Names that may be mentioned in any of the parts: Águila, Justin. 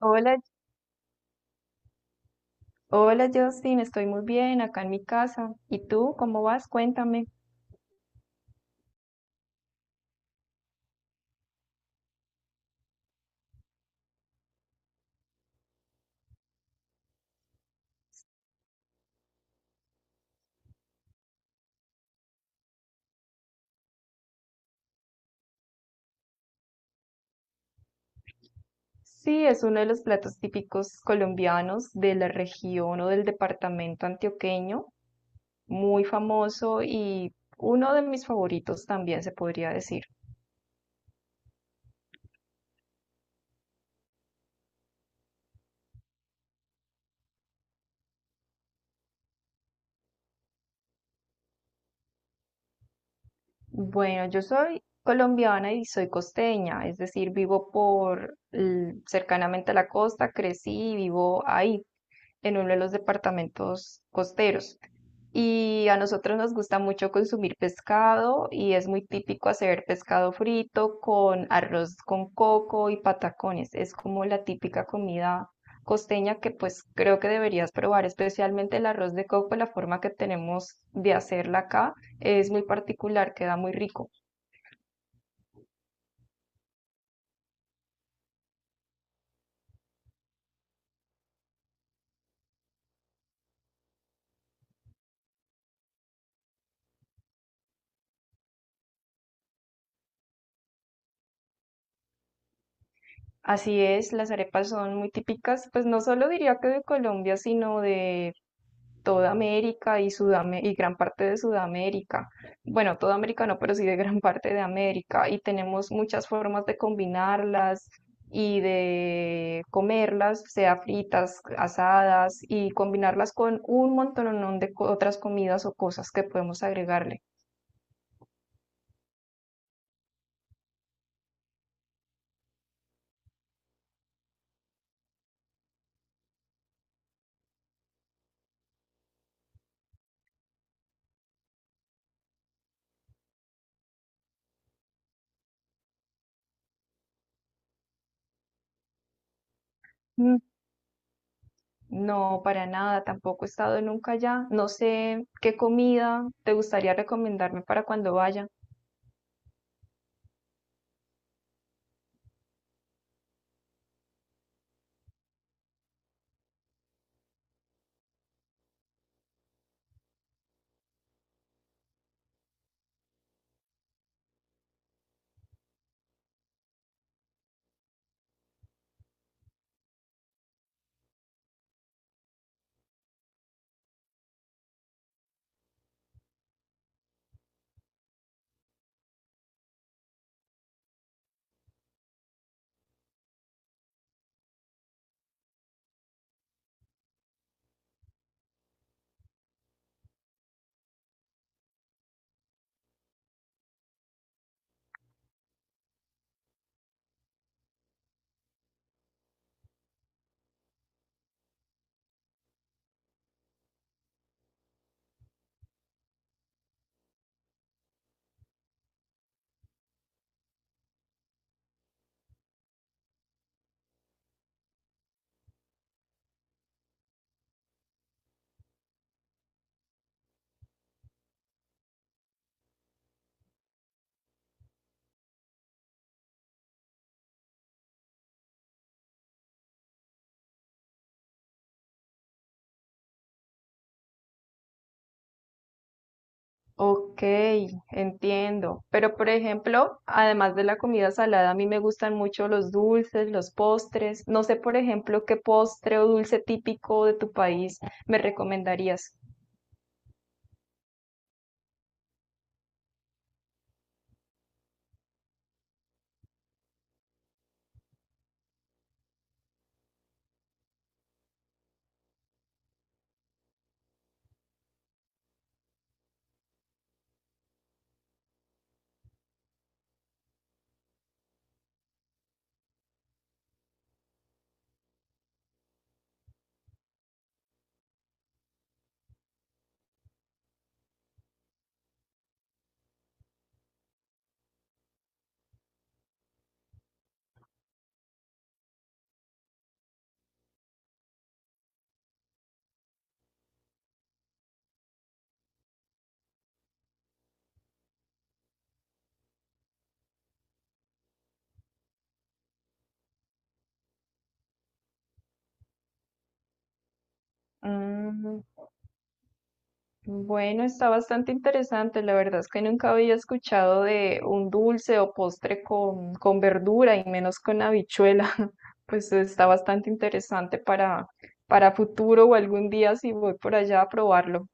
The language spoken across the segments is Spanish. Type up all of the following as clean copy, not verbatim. Hola, hola Justin, estoy muy bien acá en mi casa. ¿Y tú cómo vas? Cuéntame. Sí, es uno de los platos típicos colombianos de la región o del departamento antioqueño, muy famoso y uno de mis favoritos también se podría decir. Bueno, yo soy colombiana y soy costeña, es decir, vivo cercanamente a la costa, crecí y vivo ahí en uno de los departamentos costeros. Y a nosotros nos gusta mucho consumir pescado y es muy típico hacer pescado frito con arroz con coco y patacones. Es como la típica comida costeña que pues creo que deberías probar, especialmente el arroz de coco, la forma que tenemos de hacerla acá es muy particular, queda muy rico. Así es, las arepas son muy típicas, pues no solo diría que de Colombia, sino de toda América y, Sudam y gran parte de Sudamérica. Bueno, toda América no, pero sí de gran parte de América. Y tenemos muchas formas de combinarlas y de comerlas, sea fritas, asadas, y combinarlas con un montón de otras comidas o cosas que podemos agregarle. Mm, no, para nada, tampoco he estado nunca allá. No sé qué comida te gustaría recomendarme para cuando vaya. Ok, entiendo. Pero por ejemplo, además de la comida salada, a mí me gustan mucho los dulces, los postres. No sé, por ejemplo, qué postre o dulce típico de tu país me recomendarías. Mm, bueno, está bastante interesante. La verdad es que nunca había escuchado de un dulce o postre con verdura y menos con habichuela. Pues está bastante interesante para futuro o algún día si voy por allá a probarlo.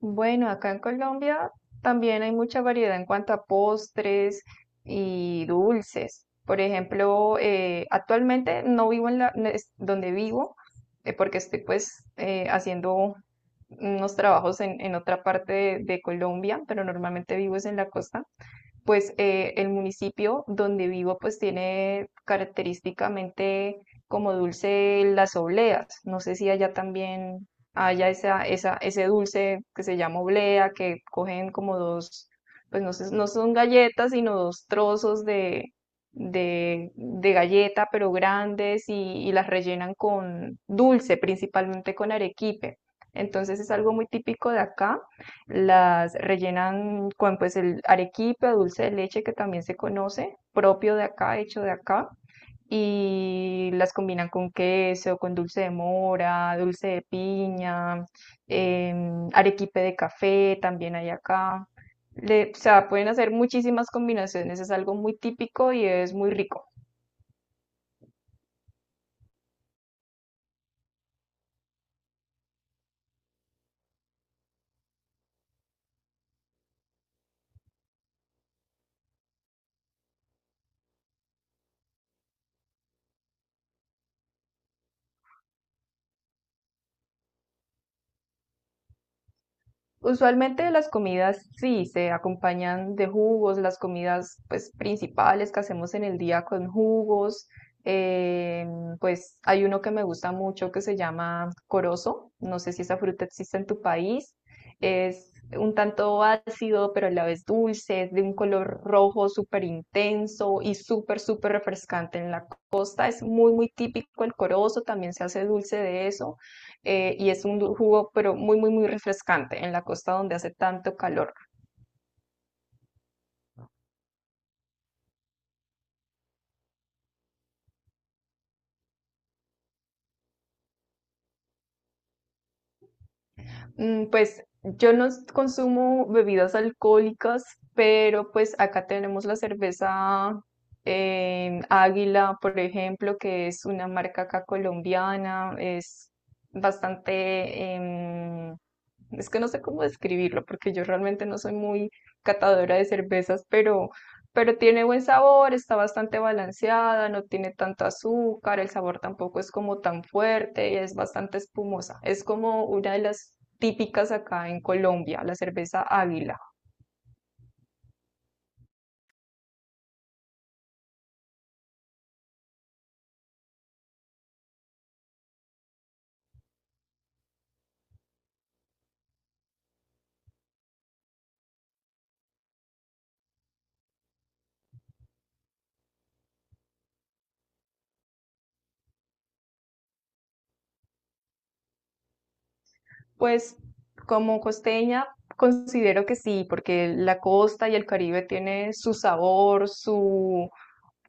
Bueno, acá en Colombia también hay mucha variedad en cuanto a postres y dulces. Por ejemplo, actualmente no es donde vivo, porque estoy pues haciendo unos trabajos en otra parte de Colombia, pero normalmente vivo es en la costa, pues el municipio donde vivo pues tiene característicamente como dulce las obleas. No sé si allá también haya ese dulce que se llama oblea, que cogen como dos, pues no sé, no son galletas, sino dos trozos de galleta, pero grandes, y las rellenan con dulce, principalmente con arequipe. Entonces es algo muy típico de acá, las rellenan con pues el arequipe, dulce de leche que también se conoce, propio de acá, hecho de acá, y las combinan con queso, con dulce de mora, dulce de piña, arequipe de café también hay acá. O sea, pueden hacer muchísimas combinaciones, es algo muy típico y es muy rico. Usualmente las comidas sí se acompañan de jugos, las comidas pues principales que hacemos en el día con jugos. eh, pues hay uno que me gusta mucho que se llama corozo. No sé si esa fruta existe en tu país. Es un tanto ácido, pero a la vez dulce, es de un color rojo súper intenso y súper, súper refrescante en la costa. Es muy, muy típico el corozo, también se hace dulce de eso, y es un jugo pero muy, muy, muy refrescante en la costa donde hace tanto calor. Mm, pues yo no s- consumo bebidas alcohólicas, pero pues acá tenemos la cerveza Águila, por ejemplo, que es una marca acá colombiana, es bastante, es que no sé cómo describirlo, porque yo realmente no soy muy catadora de cervezas, pero tiene buen sabor, está bastante balanceada, no tiene tanto azúcar, el sabor tampoco es como tan fuerte, es bastante espumosa. Es como una de las típicas acá en Colombia, la cerveza Águila. Pues como costeña considero que sí, porque la costa y el Caribe tiene su sabor, su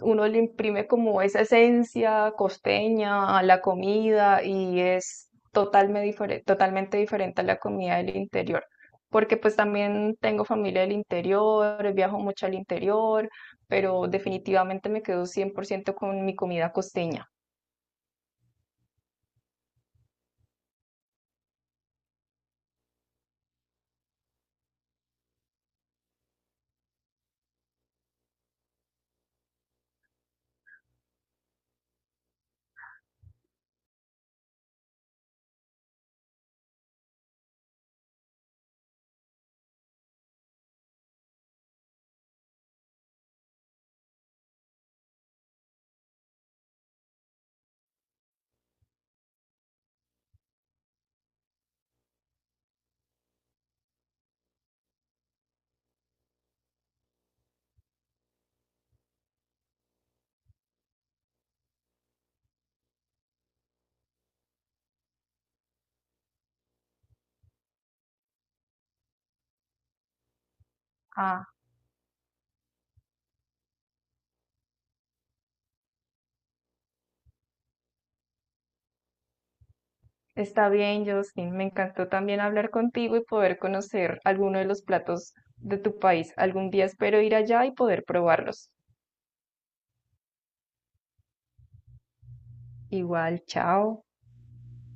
uno le imprime como esa esencia costeña a la comida y es totalmente diferente a la comida del interior, porque pues también tengo familia del interior, viajo mucho al interior, pero definitivamente me quedo 100% con mi comida costeña. Ah, está bien, Justin. Me encantó también hablar contigo y poder conocer alguno de los platos de tu país. Algún día espero ir allá y poder probarlos. Igual, chao.